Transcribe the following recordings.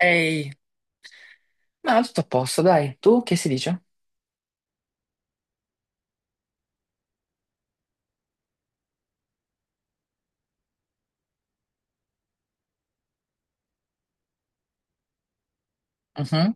Ehi, ma tutto a posto, dai. Tu che si dice? Mhm.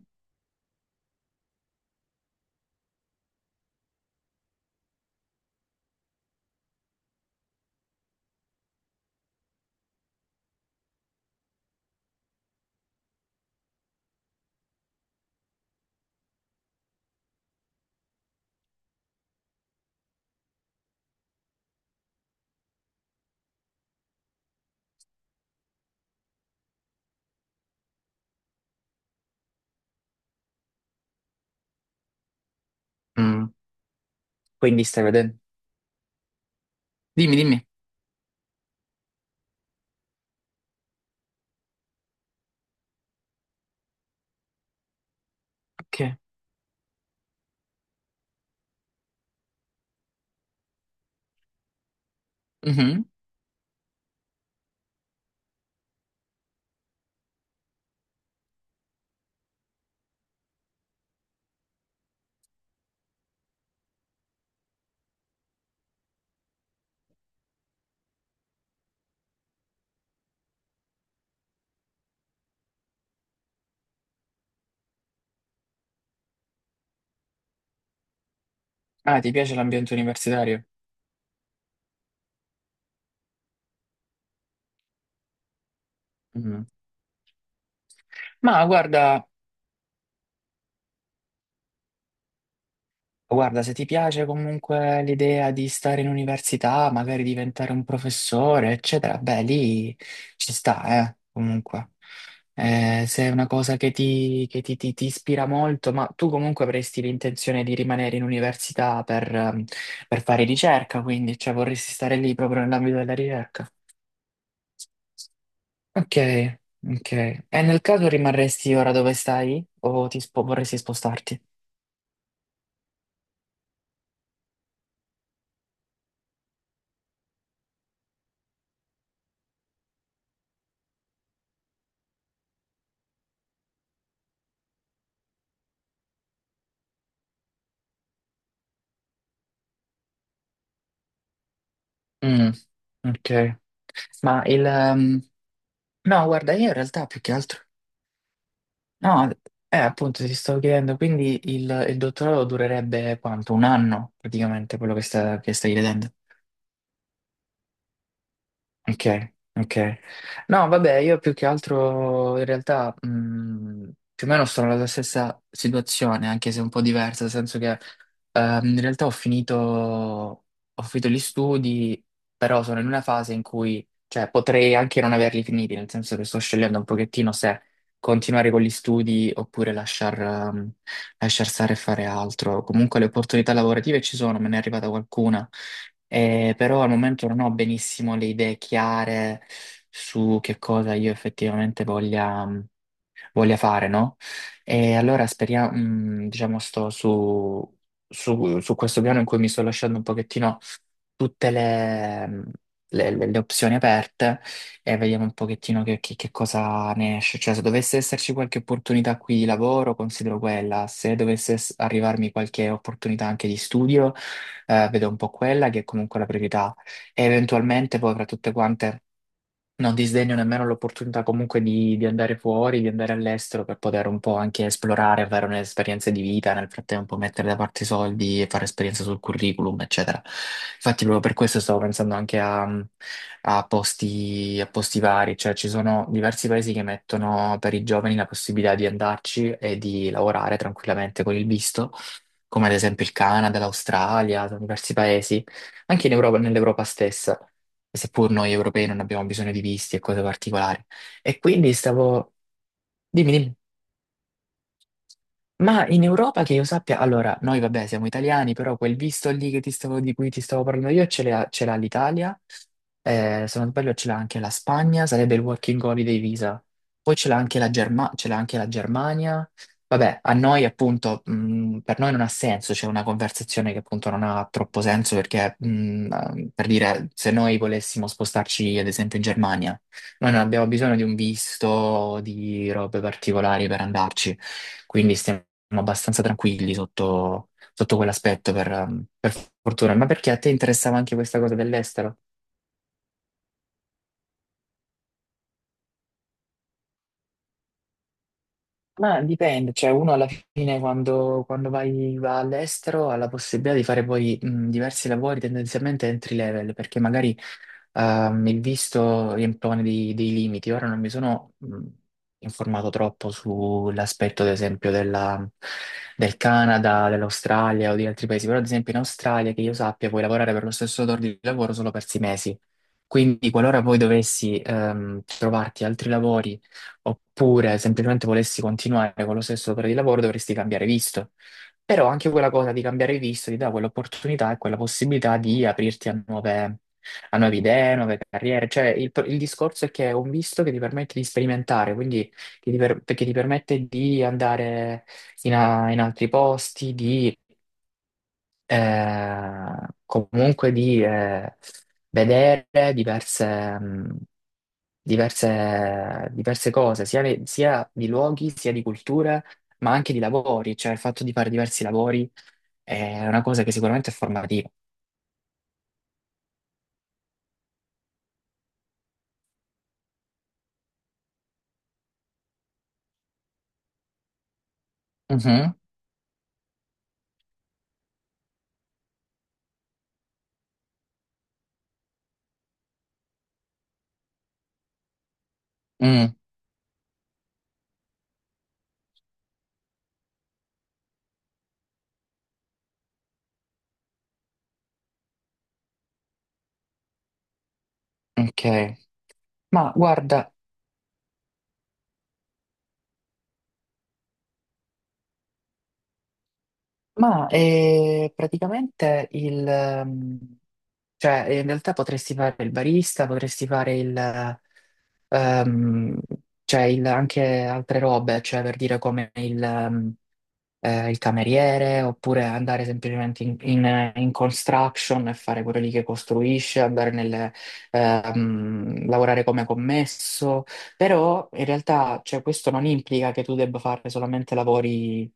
Mm. Quindi stai vedendo? Dimmi, dimmi. Ok. Mhm. Ah, ti piace l'ambiente universitario? Mhm. Ma guarda. Guarda, se ti piace comunque l'idea di stare in università, magari diventare un professore, eccetera, beh, lì ci sta, comunque. Se è una cosa che ti ispira molto, ma tu comunque avresti l'intenzione di rimanere in università per fare ricerca, quindi, cioè, vorresti stare lì proprio nell'ambito della ricerca. Ok, ok. E nel caso rimarresti ora dove stai o vorresti spostarti? Mm, ok. Ma il, No, guarda, io in realtà più che altro... No, appunto ti stavo chiedendo, quindi il dottorato durerebbe quanto? 1 anno, praticamente, quello che, che stai vedendo? Ok, ok. No, vabbè, io più che altro in realtà più o meno sto nella stessa situazione, anche se un po' diversa, nel senso che in realtà ho finito gli studi, però sono in una fase in cui, cioè, potrei anche non averli finiti, nel senso che sto scegliendo un pochettino se continuare con gli studi oppure lasciar stare e fare altro. Comunque le opportunità lavorative ci sono, me ne è arrivata qualcuna. Però al momento non ho benissimo le idee chiare su che cosa io effettivamente voglia, voglia fare, no? E allora speriamo, mm, diciamo, sto su questo piano in cui mi sto lasciando un pochettino tutte le, le opzioni aperte e vediamo un pochettino che, che cosa ne esce. Cioè, se dovesse esserci qualche opportunità qui di lavoro, considero quella. Se arrivarmi qualche opportunità anche di studio, vedo un po' quella che è comunque la priorità e eventualmente poi fra tutte quante non disdegno nemmeno l'opportunità comunque di andare fuori, di andare all'estero per poter un po' anche esplorare, avere un'esperienza di vita, nel frattempo mettere da parte i soldi e fare esperienza sul curriculum, eccetera. Infatti, proprio per questo stavo pensando anche a posti vari, cioè ci sono diversi paesi che mettono per i giovani la possibilità di andarci e di lavorare tranquillamente con il visto, come ad esempio il Canada, l'Australia, diversi paesi, anche in Europa, nell'Europa stessa seppur noi europei non abbiamo bisogno di visti e cose particolari. E quindi stavo... Dimmi, dimmi. Ma in Europa che io sappia, allora, noi vabbè siamo italiani, però quel visto lì che di cui ti stavo parlando io ce l'ha l'Italia, se non sbaglio ce l'ha anche la Spagna, sarebbe il Working Holiday Visa, poi ce l'ha anche ce l'ha anche la Germania, vabbè, a noi appunto, per noi non ha senso, c'è una conversazione che appunto non ha troppo senso perché, per dire, se noi volessimo spostarci ad esempio in Germania, noi non abbiamo bisogno di un visto, di robe particolari per andarci. Quindi stiamo siamo abbastanza tranquilli sotto, sotto quell'aspetto, per fortuna. Ma perché a te interessava anche questa cosa dell'estero? Ma dipende, cioè uno alla fine quando vai, va all'estero ha la possibilità di fare poi diversi lavori tendenzialmente entry level, perché magari il visto riempone dei limiti. Ora non mi sono informato troppo sull'aspetto, ad esempio, del Canada, dell'Australia o di altri paesi, però ad esempio in Australia, che io sappia, puoi lavorare per lo stesso datore di lavoro solo per 6 mesi. Quindi qualora poi dovessi trovarti altri lavori. Oppure semplicemente volessi continuare con lo stesso datore di lavoro, dovresti cambiare visto. Però anche quella cosa di cambiare visto ti dà quell'opportunità e quella possibilità di aprirti a a nuove idee, nuove carriere. Cioè, il discorso è che è un visto che ti permette di sperimentare, quindi che che ti permette di andare in altri posti, di eh, comunque di vedere diverse diverse cose, sia di luoghi, sia di culture, ma anche di lavori, cioè il fatto di fare diversi lavori è una cosa che sicuramente è formativa. Mhm. Mm, ok, ma guarda, ma praticamente cioè in realtà potresti fare il barista, potresti fare ehm, cioè anche altre robe, cioè per dire come il cameriere, oppure andare semplicemente in construction e fare quello lì che costruisce, lavorare come commesso, però in realtà cioè, questo non implica che tu debba fare solamente lavori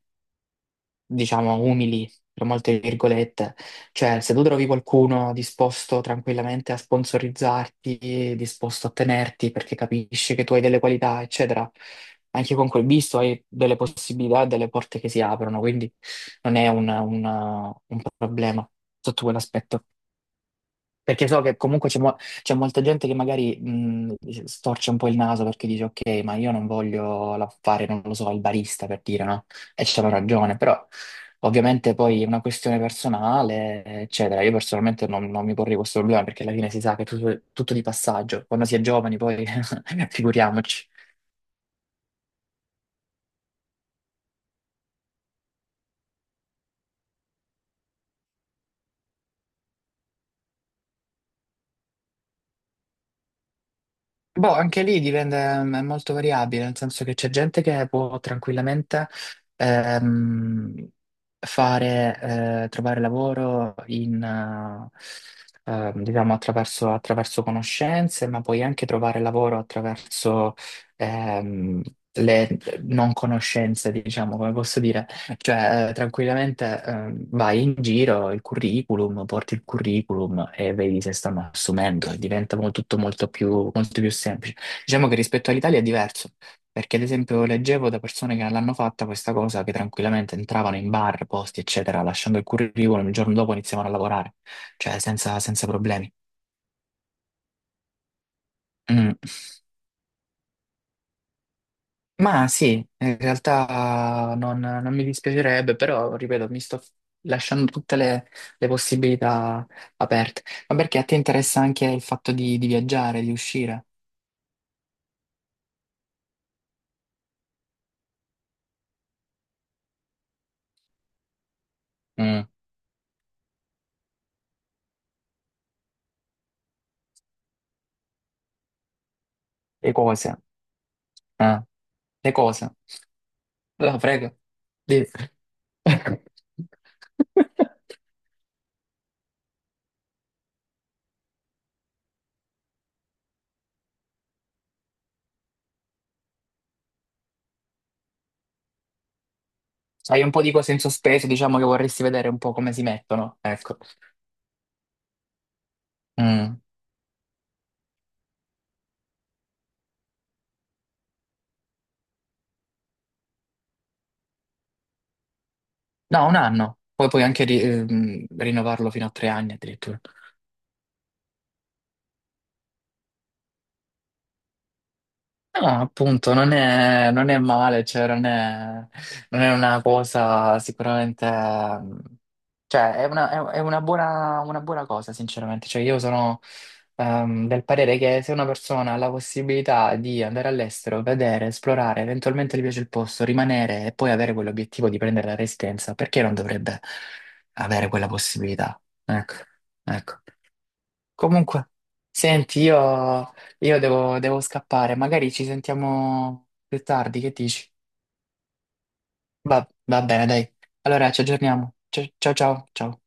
diciamo, umili, tra molte virgolette. Cioè, se tu trovi qualcuno disposto tranquillamente a sponsorizzarti, disposto a tenerti perché capisce che tu hai delle qualità, eccetera, anche con quel visto hai delle possibilità, delle porte che si aprono, quindi non è un problema sotto quell'aspetto. Perché so che comunque c'è molta gente che magari storce un po' il naso perché dice ok, ma io non voglio fare, non lo so, il barista per dire, no? E c'hanno ragione, però ovviamente poi è una questione personale, eccetera. Io personalmente non mi porrei questo problema perché alla fine si sa che è tutto di passaggio. Quando si è giovani poi figuriamoci. Boh, anche lì dipende, mm, è molto variabile, nel senso che c'è gente che può tranquillamente ehm, fare, trovare lavoro diciamo attraverso conoscenze, ma puoi anche trovare lavoro attraverso ehm, le non conoscenze, diciamo, come posso dire. Cioè, tranquillamente, vai in giro, il curriculum, porti il curriculum e vedi se stanno assumendo, tutto molto molto più semplice. Diciamo che rispetto all'Italia è diverso, perché ad esempio leggevo da persone che non l'hanno fatta questa cosa, che tranquillamente entravano in bar, posti, eccetera, lasciando il curriculum, il giorno dopo iniziavano a lavorare, cioè senza problemi. Mm. Ma sì, in realtà non mi dispiacerebbe, però ripeto, mi sto lasciando tutte le possibilità aperte. Ma perché a te interessa anche il fatto di viaggiare, di uscire? Mm. Le cose, eh, le cose. Allora, prego. Dì. Hai un po' di cose in sospeso, diciamo che vorresti vedere un po' come si mettono, ecco. Mm. No, 1 anno, poi puoi anche rinnovarlo fino a 3 anni addirittura. No, appunto, non è male, cioè non è una cosa sicuramente, mm, cioè è è una una buona cosa, sinceramente. Cioè io sono del parere che se una persona ha la possibilità di andare all'estero, vedere, esplorare, eventualmente gli piace il posto, rimanere e poi avere quell'obiettivo di prendere la residenza, perché non dovrebbe avere quella possibilità? Ecco, ecco. Comunque, senti, io devo, devo scappare, magari ci sentiamo più tardi, che dici? Va, va bene, dai. Allora, ci aggiorniamo. Ciao ciao ciao. Ciao.